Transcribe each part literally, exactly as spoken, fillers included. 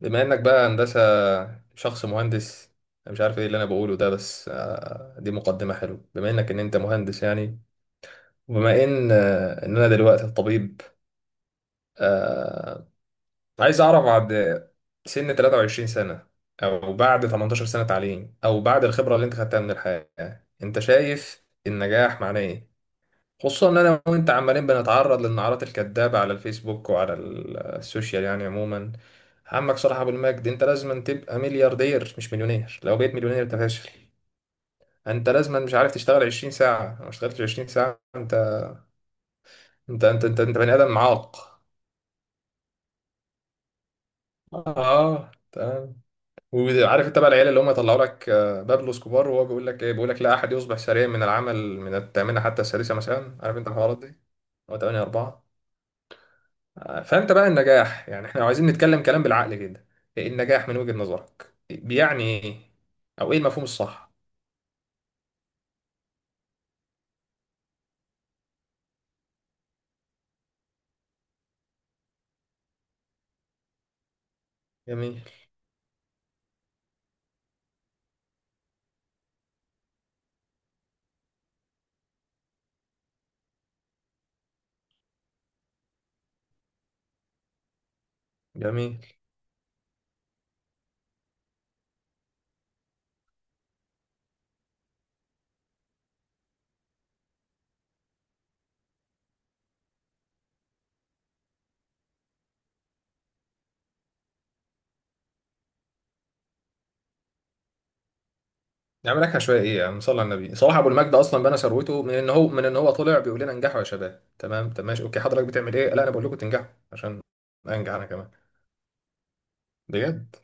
بما انك بقى هندسة شخص مهندس. انا مش عارف ايه اللي انا بقوله ده، بس آه، دي مقدمة حلوة. بما انك ان انت مهندس يعني، وبما ان آه، ان انا دلوقتي طبيب، آه، عايز اعرف بعد سن تلاتة وعشرين سنة، او بعد تمنتاشر سنة تعليم، او بعد الخبرة اللي انت خدتها من الحياة، انت شايف النجاح معناه ايه؟ خصوصا ان انا وانت عمالين بنتعرض للنعرات الكذابه على الفيسبوك وعلى ال- السوشيال يعني عموما. عمك صلاح ابو المجد، انت لازم تبقى ملياردير مش مليونير، لو بقيت مليونير انت فاشل. انت لازم مش عارف تشتغل عشرين ساعه، لو ما اشتغلتش عشرين ساعه انت، انت انت انت, انت بني ادم عاق. اه، تمام. وعارف انت بقى العيال اللي هم يطلعوا لك، آه، بابلو اسكوبار، وهو بيقول لك ايه؟ بيقول لك لا احد يصبح سريعا من العمل من الثامنه حتى السادسه مثلا، عارف انت الحوارات دي؟ هو تمانية أربعة. آه، فانت بقى النجاح، يعني احنا لو عايزين نتكلم كلام بالعقل كده، إيه النجاح من وجهة نظرك؟ بيعني ايه او ايه المفهوم الصح؟ جميل. جميل. نعمل لك شويه ايه يعني، نصلي على النبي. صلاح ابو المجد اصلا بنى ثروته من ان هو من ان هو طلع بيقول لنا انجحوا يا شباب. تمام، طب ماشي اوكي، حضرتك بتعمل ايه؟ لا انا بقول لكم تنجحوا عشان انجح انا كمان. بجد.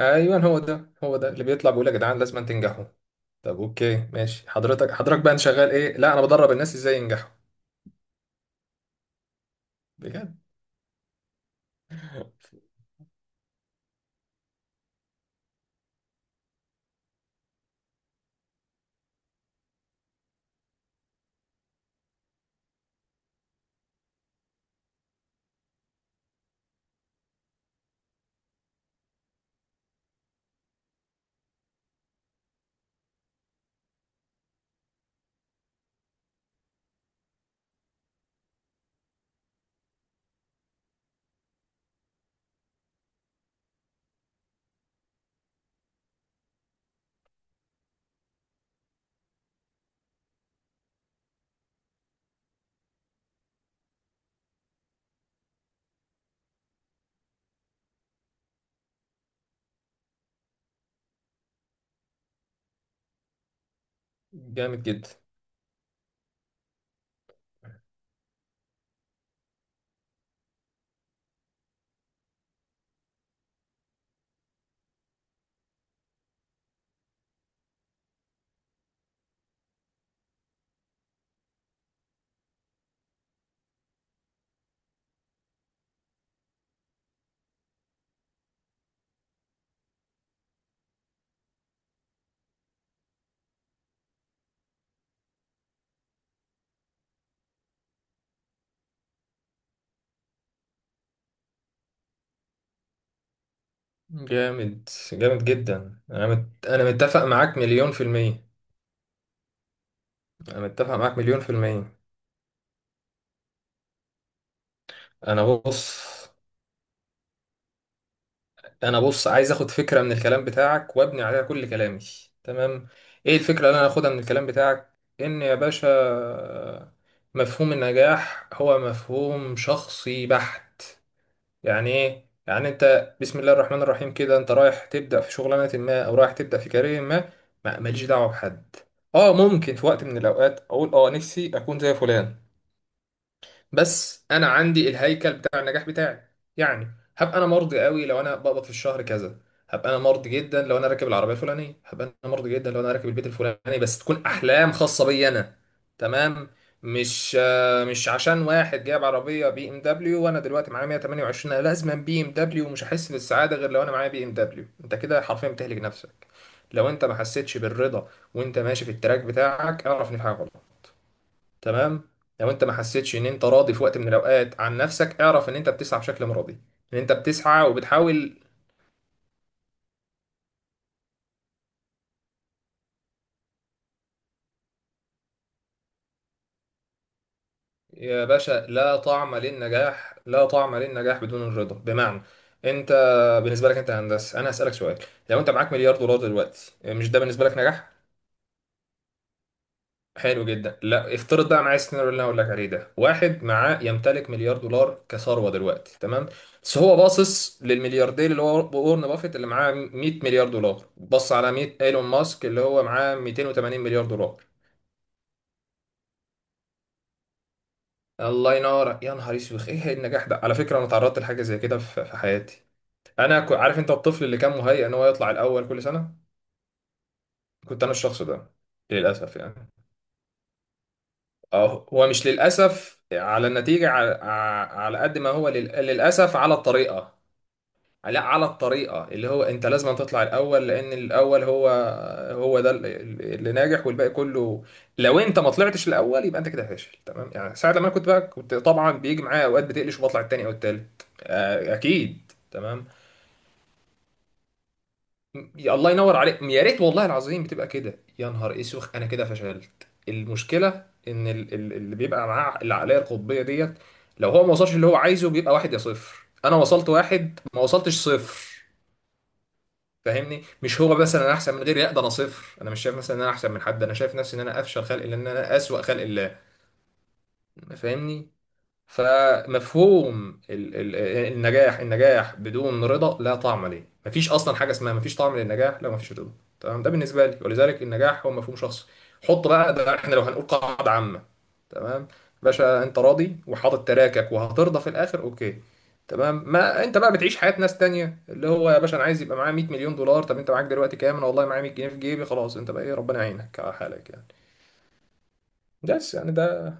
ايوه، هو ده هو ده اللي بيطلع بيقول يا جدعان لازم تنجحوا. طب اوكي ماشي، حضرتك حضرتك بقى انت شغال ايه؟ لا انا بدرب الناس ازاي ينجحوا. بجد. جامد جدا. جامد جامد جدا. انا مت... انا متفق معاك مليون في المية. انا متفق معاك مليون في المية. انا بص انا بص عايز اخد فكرة من الكلام بتاعك وابني عليها كل كلامي. تمام. ايه الفكرة اللي انا اخدها من الكلام بتاعك؟ ان يا باشا مفهوم النجاح هو مفهوم شخصي بحت. يعني ايه؟ يعني انت بسم الله الرحمن الرحيم كده انت رايح تبدا في شغلانه ما او رايح تبدا في كارير ما، ما- ماليش دعوه بحد. اه ممكن في وقت من الاوقات اقول اه نفسي اكون زي فلان، بس انا عندي الهيكل بتاع النجاح بتاعي. يعني هبقى انا مرضي قوي لو انا بقبض في الشهر كذا، هبقى انا مرضي جدا لو انا راكب العربيه الفلانيه، هبقى انا مرضي جدا لو انا راكب البيت الفلاني، بس تكون احلام خاصه بي انا. تمام، مش آه، مش عشان واحد جايب عربيه بي ام دبليو وانا دلوقتي معايا مية وتمانية وعشرين انا لازم بي ام دبليو، ومش هحس بالسعاده غير لو انا معايا بي ام دبليو، انت كده حرفيا بتهلك نفسك. لو انت ما حسيتش بالرضا وانت ماشي في التراك بتاعك، اعرف ان في حاجه غلط. تمام. لو انت ما حسيتش ان انت راضي في وقت من الاوقات عن نفسك، اعرف ان انت بتسعى بشكل مرضي، ان انت بتسعى وبتحاول. يا باشا، لا طعم للنجاح، لا طعم للنجاح بدون الرضا. بمعنى انت بالنسبه لك انت هندسه، انا هسالك سؤال. لو انت معاك مليار دولار دلوقتي، مش ده بالنسبه لك نجاح؟ حلو جدا. لا، افترض بقى معايا السيناريو اللي انا هقول لك عليه ده. واحد معاه، يمتلك مليار دولار كثروه دلوقتي، تمام؟ بس هو باصص للملياردير اللي هو وارن بافيت اللي معاه مية مليار دولار، بص على مية ايلون ماسك اللي هو معاه ميتين وتمانين مليار دولار. الله ينور، يا نهار اسود، ايه النجاح ده؟ على فكره انا تعرضت لحاجه زي كده في في حياتي. انا كو- عارف انت الطفل اللي كان مهيئ ان هو يطلع الاول كل سنه؟ كنت انا الشخص ده، للاسف يعني. اه، هو مش للأسف على النتيجة على, على قد ما هو لل- للأسف على الطريقة. لا، على الطريقة اللي هو أنت لازم تطلع الأول، لأن الأول هو هو ده اللي اللي ناجح والباقي كله، لو أنت ما طلعتش الأول يبقى أنت كده فاشل. تمام؟ يعني ساعة لما أنا كنت بقى كنت طبعا بيجي معايا أوقات بتقلش وبطلع التاني أو التالت، آه، أكيد. تمام؟ يا الله ينور عليك، يا ريت والله العظيم بتبقى كده. يا نهار اسوخ، انا كده فشلت. المشكله ان ال- ال- اللي بيبقى معاه العقليه القطبيه ديت، لو هو ما وصلش اللي هو عايزه بيبقى واحد يا صفر. انا وصلت واحد، ما وصلتش صفر. فاهمني؟ مش هو مثلا انا احسن من غيري، لا ده انا صفر. انا مش شايف مثلا ان انا احسن من حد، انا شايف نفسي ان انا افشل خلق الله، ان انا اسوأ خلق الله. فاهمني؟ فمفهوم ال ال النجاح، النجاح بدون رضا لا طعم ليه. مفيش اصلا حاجه اسمها، مفيش طعم للنجاح لو مفيش رضا. تمام؟ ده بالنسبه لي، ولذلك النجاح هو مفهوم شخصي. حط بقى ده احنا لو هنقول قاعده عامه. تمام. باشا، انت راضي وحاطط تراكك وهترضى في الاخر، اوكي، تمام. ما انت بقى بتعيش حياه ناس تانية اللي هو يا باشا انا عايز يبقى معايا مائة مليون دولار. طب انت معاك دلوقتي كام؟ انا والله معايا مية جنيه في جيبي. خلاص انت بقى ايه، ربنا يعينك على حالك يعني. بس يعني ده.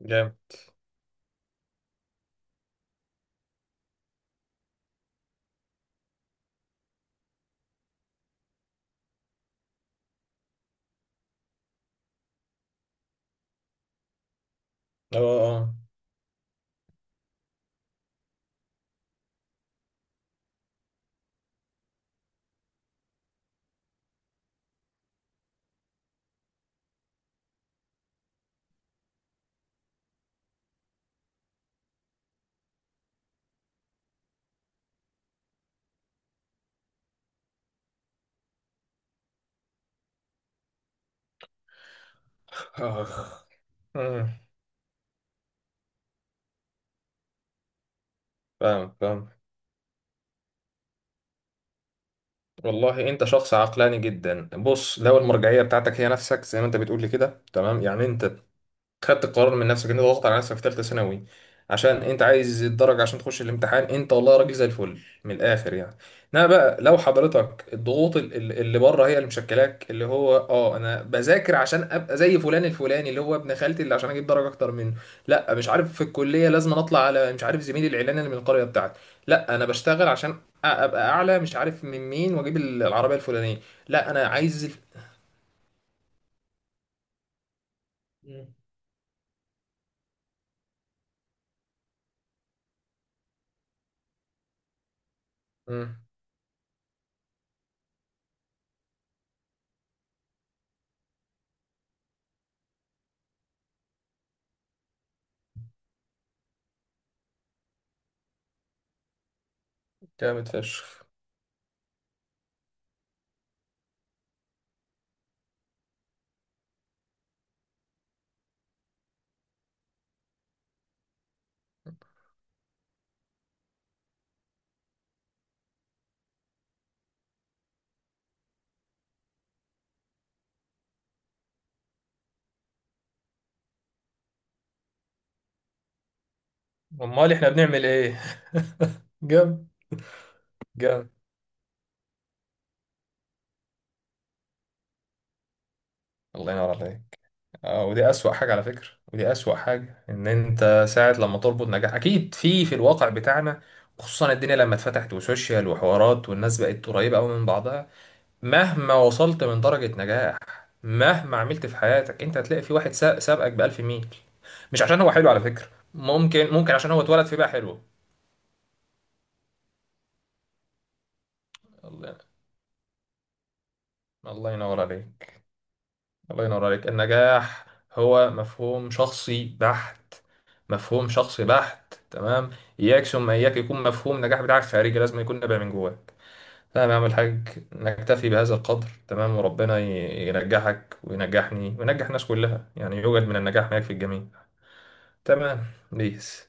جامد. اه. اه. اخ. فاهم، فاهم. والله انت شخص عقلاني جدا. بص، لو المرجعيه بتاعتك هي نفسك زي ما انت بتقول لي كده، تمام، يعني انت خدت القرار من نفسك، انت ضغطت على نفسك في ثالثه ثانوي عشان انت عايز الدرجه عشان تخش الامتحان، انت والله راجل زي الفل، من الاخر يعني. انما بقى لو حضرتك الضغوط ال- ال- اللي بره هي اللي مشكلاك، اللي هو اه انا بذاكر عشان ابقى زي فلان الفلاني اللي هو ابن خالتي، اللي عشان اجيب درجه اكتر منه. لا، مش عارف في الكليه لازم اطلع على، مش عارف، زميلي الاعلاني اللي من القريه بتاعتي. لا انا بشتغل عشان أ- ابقى اعلى مش عارف من مين واجيب العربيه الفلانيه. لا انا عايز ال- مم. مم، جامد فشخ. امال احنا بنعمل ايه؟ جامد. جامد، الله ينور عليك. اه، ودي اسوأ حاجة على فكرة. ودي اسوأ حاجة، ان انت ساعة لما تربط نجاح، اكيد في في الواقع بتاعنا، خصوصا الدنيا لما اتفتحت وسوشيال وحوارات والناس بقت قريبة قوي من بعضها، مهما وصلت من درجة نجاح، مهما عملت في حياتك، انت هتلاقي في واحد سا- سابقك بألف ميل، مش عشان هو حلو على فكرة، ممكن ممكن عشان هو اتولد في بقى حلو. الله. الله ينور عليك. الله ينور عليك. النجاح هو مفهوم شخصي بحت. مفهوم شخصي بحت، تمام. إياك ثم إياك يكون مفهوم النجاح بتاعك خارجي، لازم يكون نابع من جواك. تمام يا عم الحاج، نكتفي بهذا القدر. تمام، وربنا ي- ينجحك وينجحني وينجح الناس كلها يعني، يوجد من النجاح ما يكفي الجميع. تمام. بيس.